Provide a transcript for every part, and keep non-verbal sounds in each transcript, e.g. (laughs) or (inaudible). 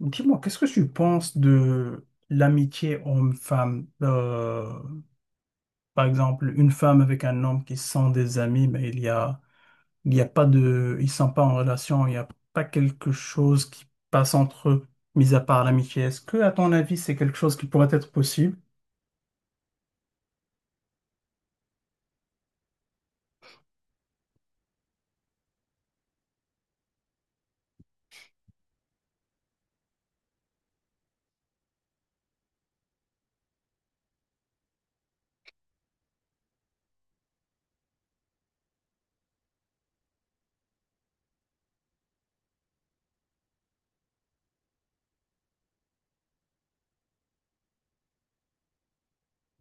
Dis-moi, qu'est-ce que tu penses de l'amitié homme-femme? Par exemple, une femme avec un homme qui sont des amis, mais il y a pas de, ils sont pas en relation, il n'y a pas quelque chose qui passe entre eux, mis à part l'amitié. Est-ce que, à ton avis, c'est quelque chose qui pourrait être possible?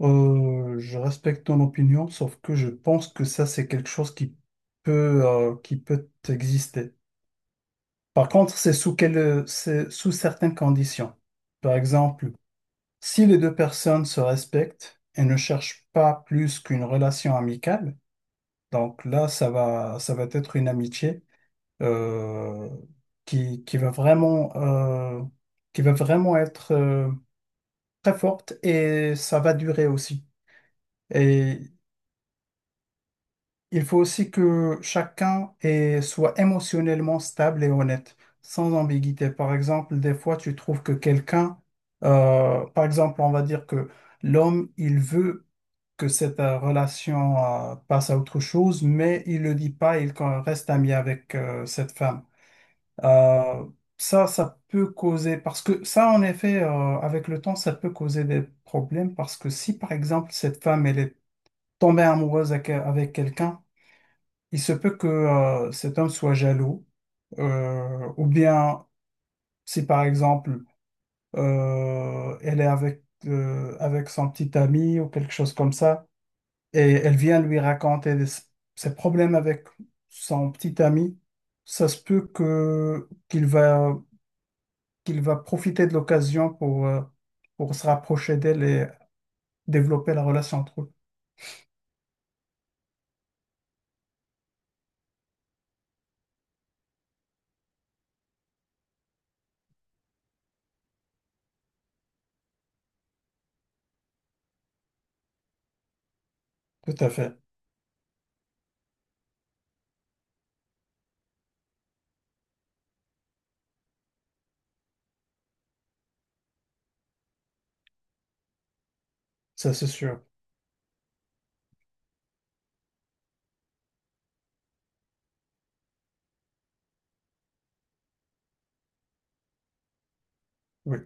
Je respecte ton opinion, sauf que je pense que ça, c'est quelque chose qui peut exister. Par contre, c'est sous certaines conditions. Par exemple, si les deux personnes se respectent et ne cherchent pas plus qu'une relation amicale, donc là, ça va être une amitié euh, qui, qui va vraiment, euh, qui va vraiment être très forte et ça va durer aussi. Et il faut aussi que chacun soit émotionnellement stable et honnête, sans ambiguïté. Par exemple, des fois, tu trouves que quelqu'un, par exemple, on va dire que l'homme, il veut que cette relation passe à autre chose, mais il le dit pas, il reste ami avec cette femme. Euh, ça peut causer, parce que ça, en effet, avec le temps, ça peut causer des problèmes, parce que si, par exemple, cette femme, elle est tombée amoureuse avec, avec quelqu'un, il se peut que cet homme soit jaloux, ou bien si, par exemple, elle est avec, avec son petit ami ou quelque chose comme ça. Et elle vient lui raconter ses problèmes avec son petit ami. Ça se peut que qu'il va profiter de l'occasion pour se rapprocher d'elle et développer la relation entre eux. Tout à fait, ça c'est sûr. Oui,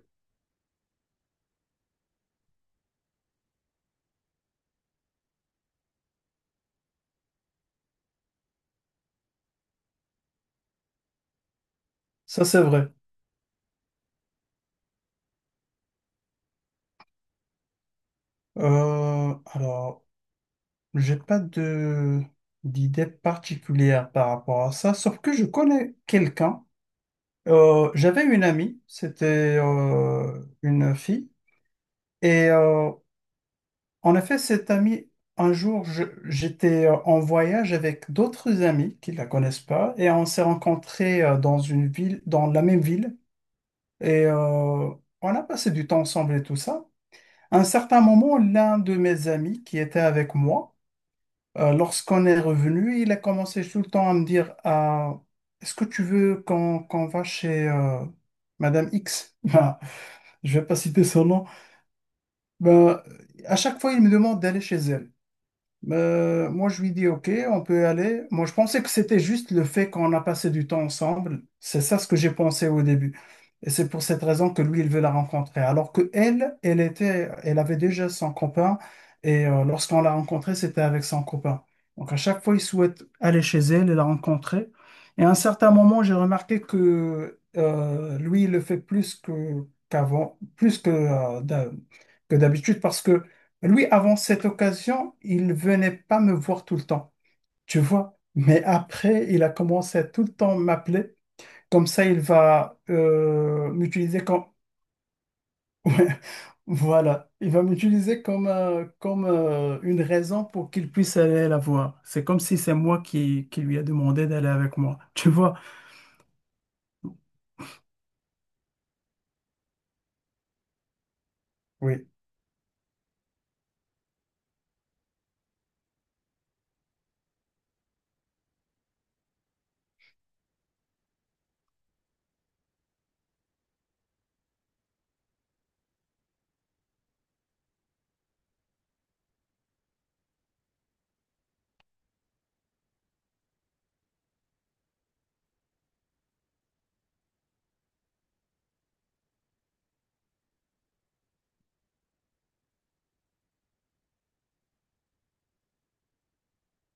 ça c'est vrai. Alors, j'ai pas de d'idée particulière par rapport à ça, sauf que je connais quelqu'un. J'avais une amie, c'était une fille et en effet, cet ami, un jour, j'étais en voyage avec d'autres amis qui ne la connaissent pas et on s'est rencontrés dans une ville, dans la même ville et on a passé du temps ensemble et tout ça. À un certain moment, l'un de mes amis qui était avec moi, lorsqu'on est revenu, il a commencé tout le temps à me dire: Ah, est-ce que tu veux qu'on va chez Madame X? (laughs) Ben, je vais pas citer son nom. Ben, à chaque fois, il me demande d'aller chez elle. Moi, je lui dis, OK, on peut y aller. Moi, je pensais que c'était juste le fait qu'on a passé du temps ensemble. C'est ça ce que j'ai pensé au début. Et c'est pour cette raison que lui, il veut la rencontrer. Alors que elle, elle avait déjà son copain. Et lorsqu'on l'a rencontrée, c'était avec son copain. Donc, à chaque fois, il souhaite aller chez elle et la rencontrer. Et à un certain moment, j'ai remarqué que lui, il le fait plus que qu'avant, plus que, que d'habitude, parce que lui, avant cette occasion, il venait pas me voir tout le temps, tu vois. Mais après, il a commencé à tout le temps m'appeler. Comme ça, il va m'utiliser comme... (laughs) Ouais, voilà, il va m'utiliser comme une raison pour qu'il puisse aller la voir. C'est comme si c'est moi qui lui a demandé d'aller avec moi, tu vois. Oui,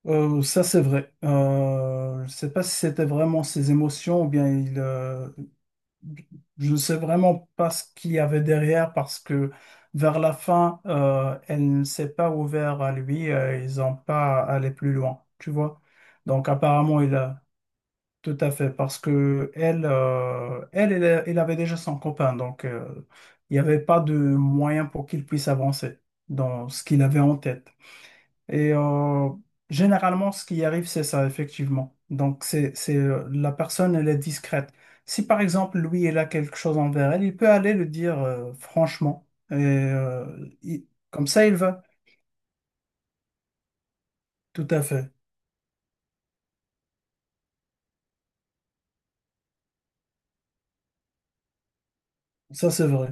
Ça c'est vrai. Je sais pas si c'était vraiment ses émotions ou bien je ne sais vraiment pas ce qu'il y avait derrière parce que vers la fin, elle ne s'est pas ouverte à lui, ils n'ont pas allé plus loin, tu vois. Donc apparemment, il a tout à fait parce que elle, elle avait déjà son copain, donc il n'y avait pas de moyen pour qu'il puisse avancer dans ce qu'il avait en tête. Et généralement, ce qui arrive, c'est ça, effectivement. Donc, la personne, elle est discrète. Si par exemple, lui, il a quelque chose envers elle, il peut aller le dire franchement. Et comme ça, il va. Tout à fait. Ça, c'est vrai.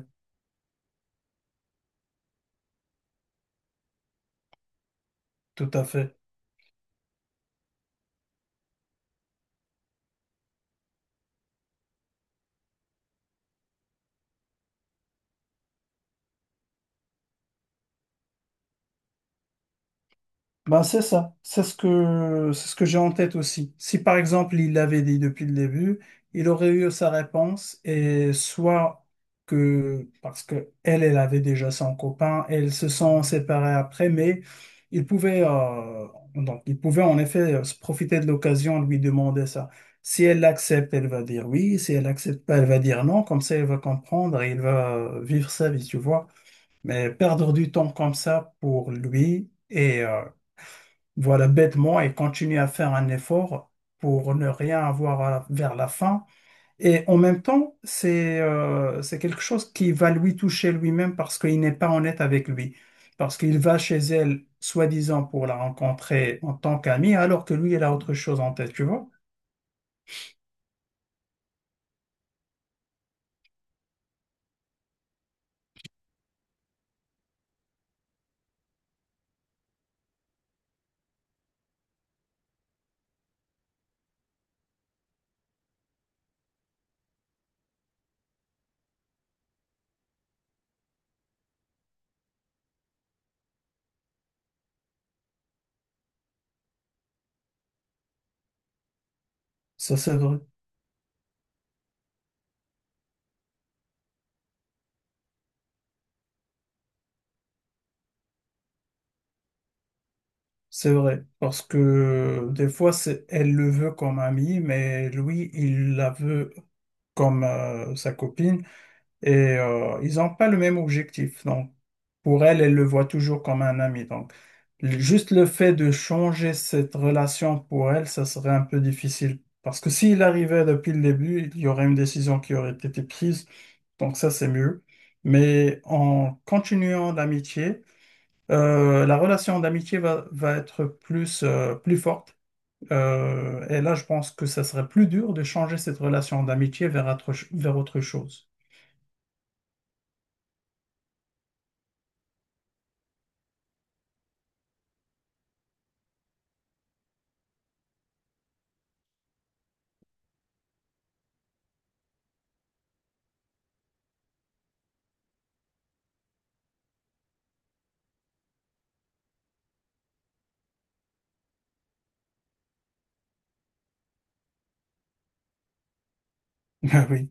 Tout à fait. Ben c'est ça, c'est ce que j'ai en tête aussi. Si par exemple il l'avait dit depuis le début, il aurait eu sa réponse et soit que parce que elle avait déjà son copain, elles se sont séparées après, mais il pouvait donc il pouvait en effet se profiter de l'occasion de lui demander ça. Si elle l'accepte, elle va dire oui. Si elle accepte pas, elle va dire non. Comme ça, elle va comprendre et il va vivre sa vie, tu vois. Mais perdre du temps comme ça pour lui. Et voilà, bêtement et continuer à faire un effort pour ne rien avoir vers la fin. Et en même temps, c'est quelque chose qui va lui toucher lui-même parce qu'il n'est pas honnête avec lui. Parce qu'il va chez elle, soi-disant, pour la rencontrer en tant qu'ami, alors que lui, il a autre chose en tête, tu vois? Ça, c'est vrai. C'est vrai. Parce que des fois, elle le veut comme ami, mais lui, il la veut comme sa copine. Et ils n'ont pas le même objectif. Donc, pour elle, elle le voit toujours comme un ami. Donc, juste le fait de changer cette relation pour elle, ça serait un peu difficile. Parce que s'il arrivait depuis le début, il y aurait une décision qui aurait été prise. Donc, ça, c'est mieux. Mais en continuant l'amitié, la relation d'amitié va être plus, plus forte. Et là, je pense que ça serait plus dur de changer cette relation d'amitié vers vers autre chose. (laughs) Ah oui,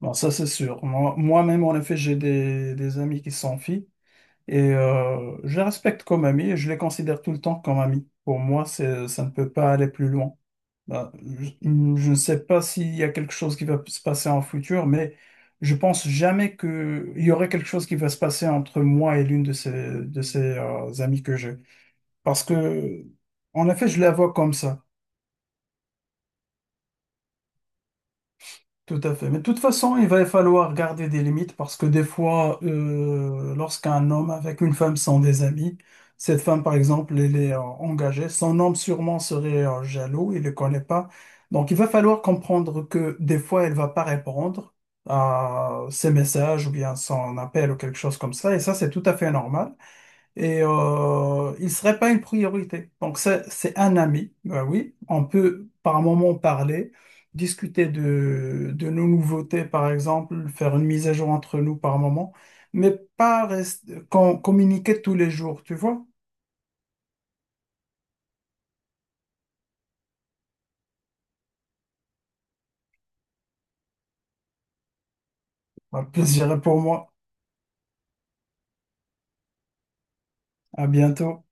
bon, ça c'est sûr. Moi, moi-même, en effet, j'ai des amis qui sont filles et je les respecte comme amis et je les considère tout le temps comme amis. Pour moi, ça ne peut pas aller plus loin. Bah, je ne sais pas s'il y a quelque chose qui va se passer en futur, mais je pense jamais qu'il y aurait quelque chose qui va se passer entre moi et l'une de ces amies que j'ai. Parce que, en effet, je la vois comme ça. Tout à fait. Mais de toute façon, il va falloir garder des limites parce que des fois, lorsqu'un homme avec une femme sont des amis, cette femme, par exemple, elle est engagée, son homme sûrement serait jaloux, il ne le connaît pas. Donc, il va falloir comprendre que des fois, elle va pas répondre à ses messages ou bien son appel ou quelque chose comme ça. Et ça, c'est tout à fait normal et il serait pas une priorité. Donc c'est un ami, ben oui, on peut par moment parler, discuter de nos nouveautés par exemple, faire une mise à jour entre nous par moment, mais pas rester, communiquer tous les jours, tu vois. Un plaisir est pour moi. À bientôt.